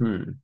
Hmm.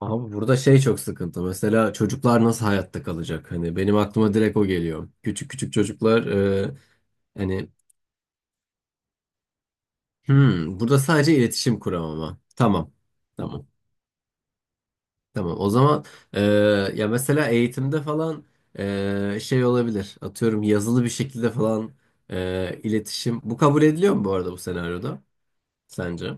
Abi burada şey çok sıkıntı. Mesela çocuklar nasıl hayatta kalacak? Hani benim aklıma direkt o geliyor. Küçük küçük çocuklar hani burada sadece iletişim kuramama. Tamam. Tamam. Tamam. O zaman e, ya mesela eğitimde falan şey olabilir. Atıyorum yazılı bir şekilde falan iletişim. Bu kabul ediliyor mu bu arada bu senaryoda sence?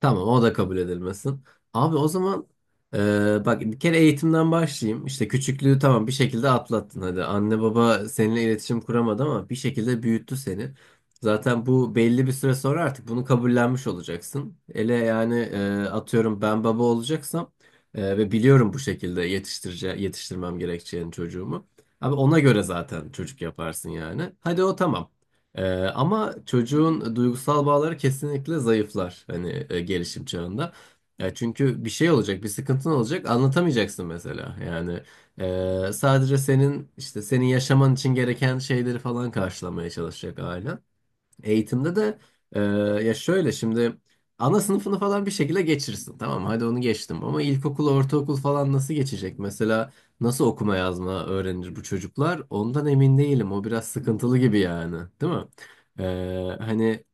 Tamam, o da kabul edilmesin. Abi o zaman bak bir kere eğitimden başlayayım. İşte küçüklüğü tamam bir şekilde atlattın hadi. Anne baba seninle iletişim kuramadı ama bir şekilde büyüttü seni. Zaten bu belli bir süre sonra artık bunu kabullenmiş olacaksın. Ele yani atıyorum ben baba olacaksam ve biliyorum bu şekilde yetiştirmem gerekeceğini çocuğumu. Abi ona göre zaten çocuk yaparsın yani. Hadi o tamam. Ee, ama çocuğun duygusal bağları kesinlikle zayıflar hani gelişim çağında. Çünkü bir şey olacak, bir sıkıntın olacak, anlatamayacaksın mesela. Yani sadece senin işte senin yaşaman için gereken şeyleri falan karşılamaya çalışacak aile. Eğitimde de e, ya şöyle şimdi ana sınıfını falan bir şekilde geçirsin. Tamam hadi onu geçtim ama ilkokul, ortaokul falan nasıl geçecek? Mesela nasıl okuma yazma öğrenir bu çocuklar? Ondan emin değilim. O biraz sıkıntılı gibi yani, değil mi? E, hani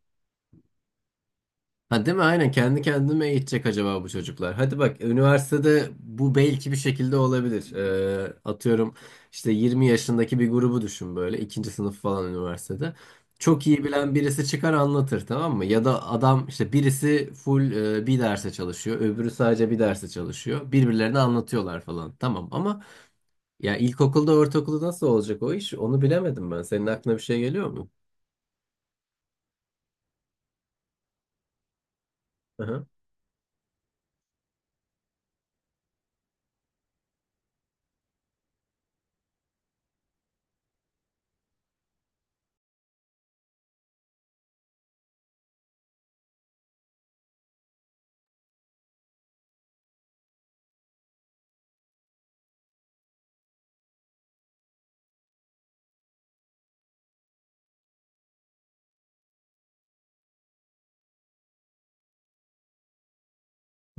Ha, değil mi? Aynen, kendi kendime eğitecek acaba bu çocuklar. Hadi bak üniversitede bu belki bir şekilde olabilir. Atıyorum işte 20 yaşındaki bir grubu düşün böyle ikinci sınıf falan üniversitede. Çok iyi bilen birisi çıkar anlatır tamam mı? Ya da adam işte birisi full bir derse çalışıyor, öbürü sadece bir derse çalışıyor. Birbirlerine anlatıyorlar falan. Tamam ama ya ilkokulda ortaokulda nasıl olacak o iş? Onu bilemedim ben. Senin aklına bir şey geliyor mu? Aha,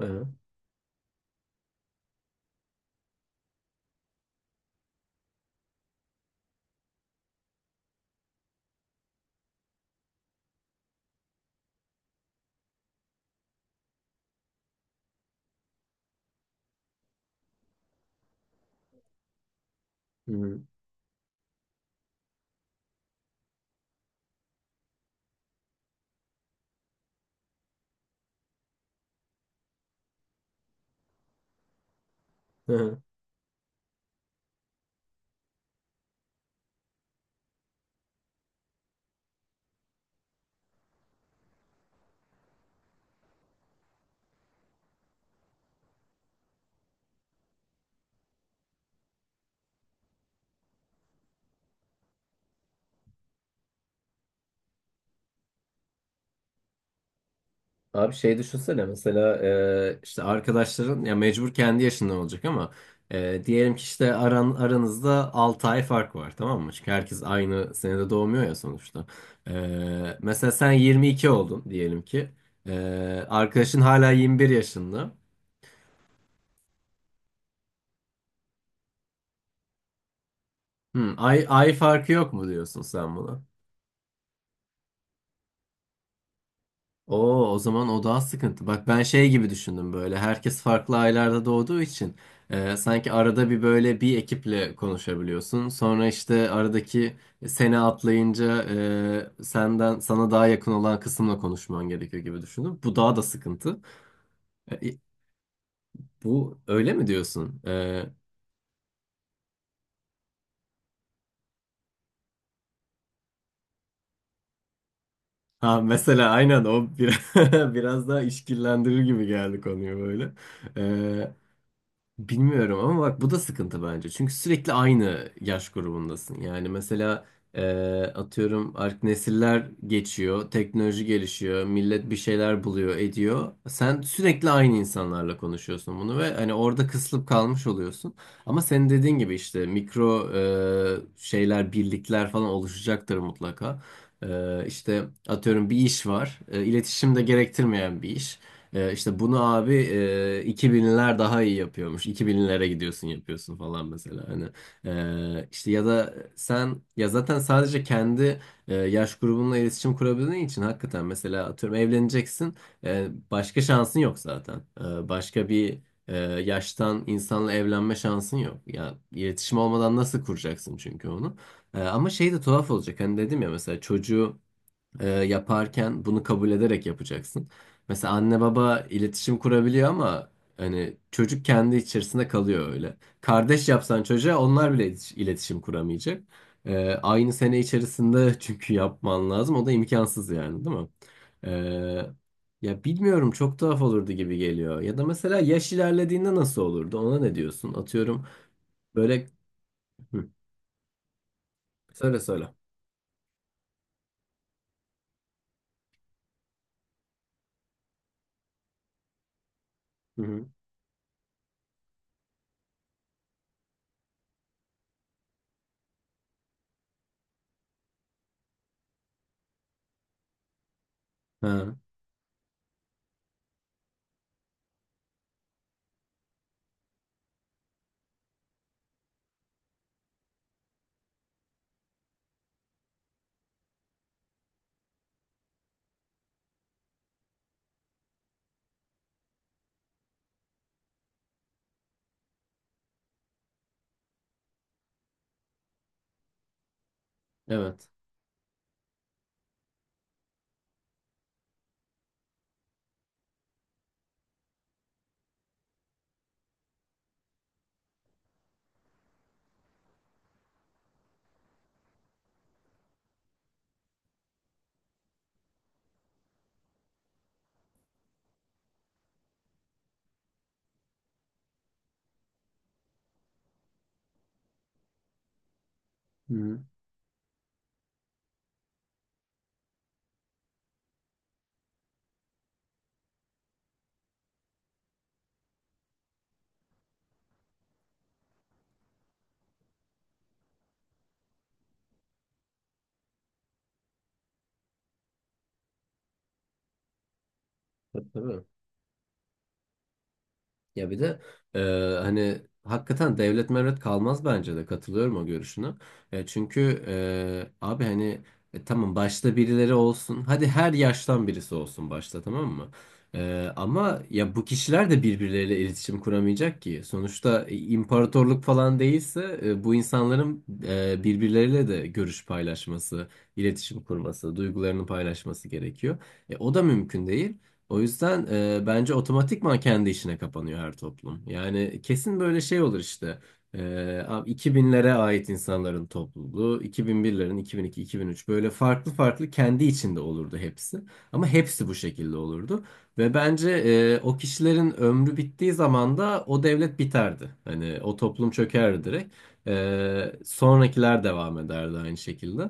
aha, hı hı. Aha. Abi şey düşünsene mesela işte arkadaşların ya mecbur kendi yaşında olacak ama diyelim ki işte aranızda 6 ay fark var tamam mı? Çünkü herkes aynı senede doğmuyor ya sonuçta. E, mesela sen 22 oldun diyelim ki. E, Arkadaşın hala 21 yaşında. Hmm, ay, ay farkı yok mu diyorsun sen buna? Oo, o zaman o daha sıkıntı. Bak ben şey gibi düşündüm böyle. Herkes farklı aylarda doğduğu için sanki arada bir böyle bir ekiple konuşabiliyorsun. Sonra işte aradaki sene atlayınca senden sana daha yakın olan kısımla konuşman gerekiyor gibi düşündüm. Bu daha da sıkıntı. E, e, bu öyle mi diyorsun? Ha mesela aynen o bir, biraz daha işkillendirir gibi geldi konuyu böyle. E, Bilmiyorum ama bak bu da sıkıntı bence. Çünkü sürekli aynı yaş grubundasın. Yani mesela e, atıyorum artık nesiller geçiyor, teknoloji gelişiyor, millet bir şeyler buluyor, ediyor. Sen sürekli aynı insanlarla konuşuyorsun bunu ve hani orada kısılıp kalmış oluyorsun. Ama senin dediğin gibi işte mikro şeyler, birlikler falan oluşacaktır mutlaka. İşte atıyorum bir iş var, iletişim de gerektirmeyen bir iş. İşte bunu abi iki binler daha iyi yapıyormuş. İki binlere gidiyorsun yapıyorsun falan mesela. Hani işte ya da sen ya zaten sadece kendi yaş grubunla iletişim kurabildiğin için hakikaten mesela atıyorum evleneceksin. Başka şansın yok zaten. Başka bir yaştan insanla evlenme şansın yok. Ya iletişim olmadan nasıl kuracaksın çünkü onu? Ama şey de tuhaf olacak. Hani dedim ya mesela çocuğu yaparken bunu kabul ederek yapacaksın. Mesela anne baba iletişim kurabiliyor ama hani çocuk kendi içerisinde kalıyor öyle. Kardeş yapsan çocuğa onlar bile iletişim kuramayacak. Aynı sene içerisinde çünkü yapman lazım. O da imkansız yani değil mi? E, ya bilmiyorum çok tuhaf olurdu gibi geliyor. Ya da mesela yaş ilerlediğinde nasıl olurdu? Ona ne diyorsun? Atıyorum böyle... Hı, söyle söyle. Hı hı. Ha, evet. Hı hı. Tabii. Ya bir de e, hani hakikaten devlet mevlet kalmaz bence de, katılıyorum o görüşüne. Çünkü abi hani tamam başta birileri olsun. Hadi her yaştan birisi olsun başta tamam mı? Ama ya bu kişiler de birbirleriyle iletişim kuramayacak ki. Sonuçta imparatorluk falan değilse bu insanların birbirleriyle de görüş paylaşması, iletişim kurması, duygularını paylaşması gerekiyor. O da mümkün değil. O yüzden bence otomatikman kendi işine kapanıyor her toplum. Yani kesin böyle şey olur işte. E, Abi 2000'lere ait insanların topluluğu, 2001'lerin, 2002, 2003 böyle farklı farklı kendi içinde olurdu hepsi. Ama hepsi bu şekilde olurdu. Ve bence o kişilerin ömrü bittiği zaman da o devlet biterdi. Hani o toplum çökerdi direkt. Sonrakiler devam ederdi aynı şekilde.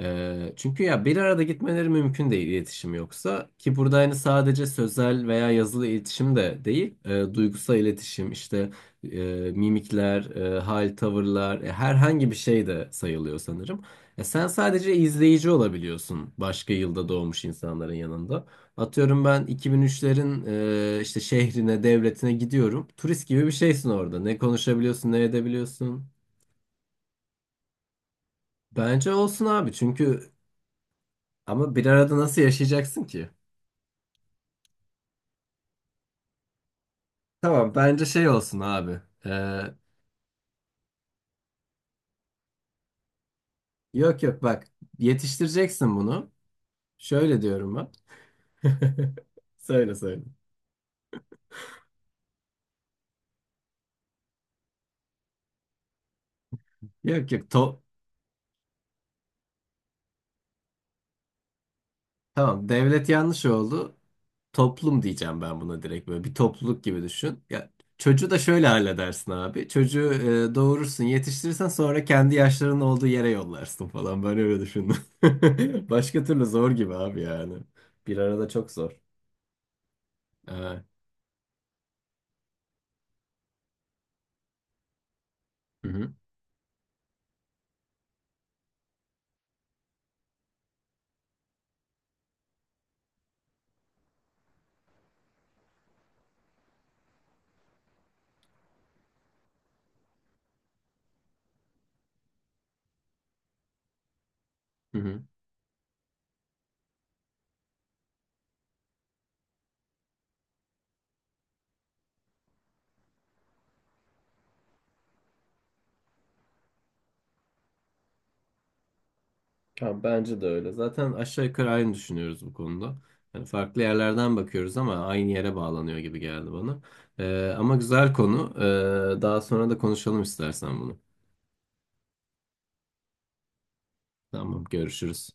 Çünkü ya bir arada gitmeleri mümkün değil iletişim yoksa ki, burada hani sadece sözel veya yazılı iletişim de değil, duygusal iletişim işte, e, mimikler, hal tavırlar, herhangi bir şey de sayılıyor sanırım. Sen sadece izleyici olabiliyorsun başka yılda doğmuş insanların yanında. Atıyorum ben 2003'lerin işte şehrine devletine gidiyorum, turist gibi bir şeysin orada, ne konuşabiliyorsun ne edebiliyorsun. Bence olsun abi çünkü ama bir arada nasıl yaşayacaksın ki? Tamam bence şey olsun abi. Ee, yok yok bak yetiştireceksin bunu. Şöyle diyorum ben. Söyle söyle. Yok yok to tamam devlet yanlış oldu. Toplum diyeceğim ben buna, direkt böyle bir topluluk gibi düşün. Ya, çocuğu da şöyle halledersin abi. Çocuğu doğurursun yetiştirirsen sonra kendi yaşlarının olduğu yere yollarsın falan. Ben öyle düşündüm. Başka türlü zor gibi abi yani. Bir arada çok zor. Evet. Hı hı. Hı hı. Ya bence de öyle. Zaten aşağı yukarı aynı düşünüyoruz bu konuda. Hani farklı yerlerden bakıyoruz ama aynı yere bağlanıyor gibi geldi bana. Ama güzel konu. Daha sonra da konuşalım istersen bunu. Tamam, görüşürüz.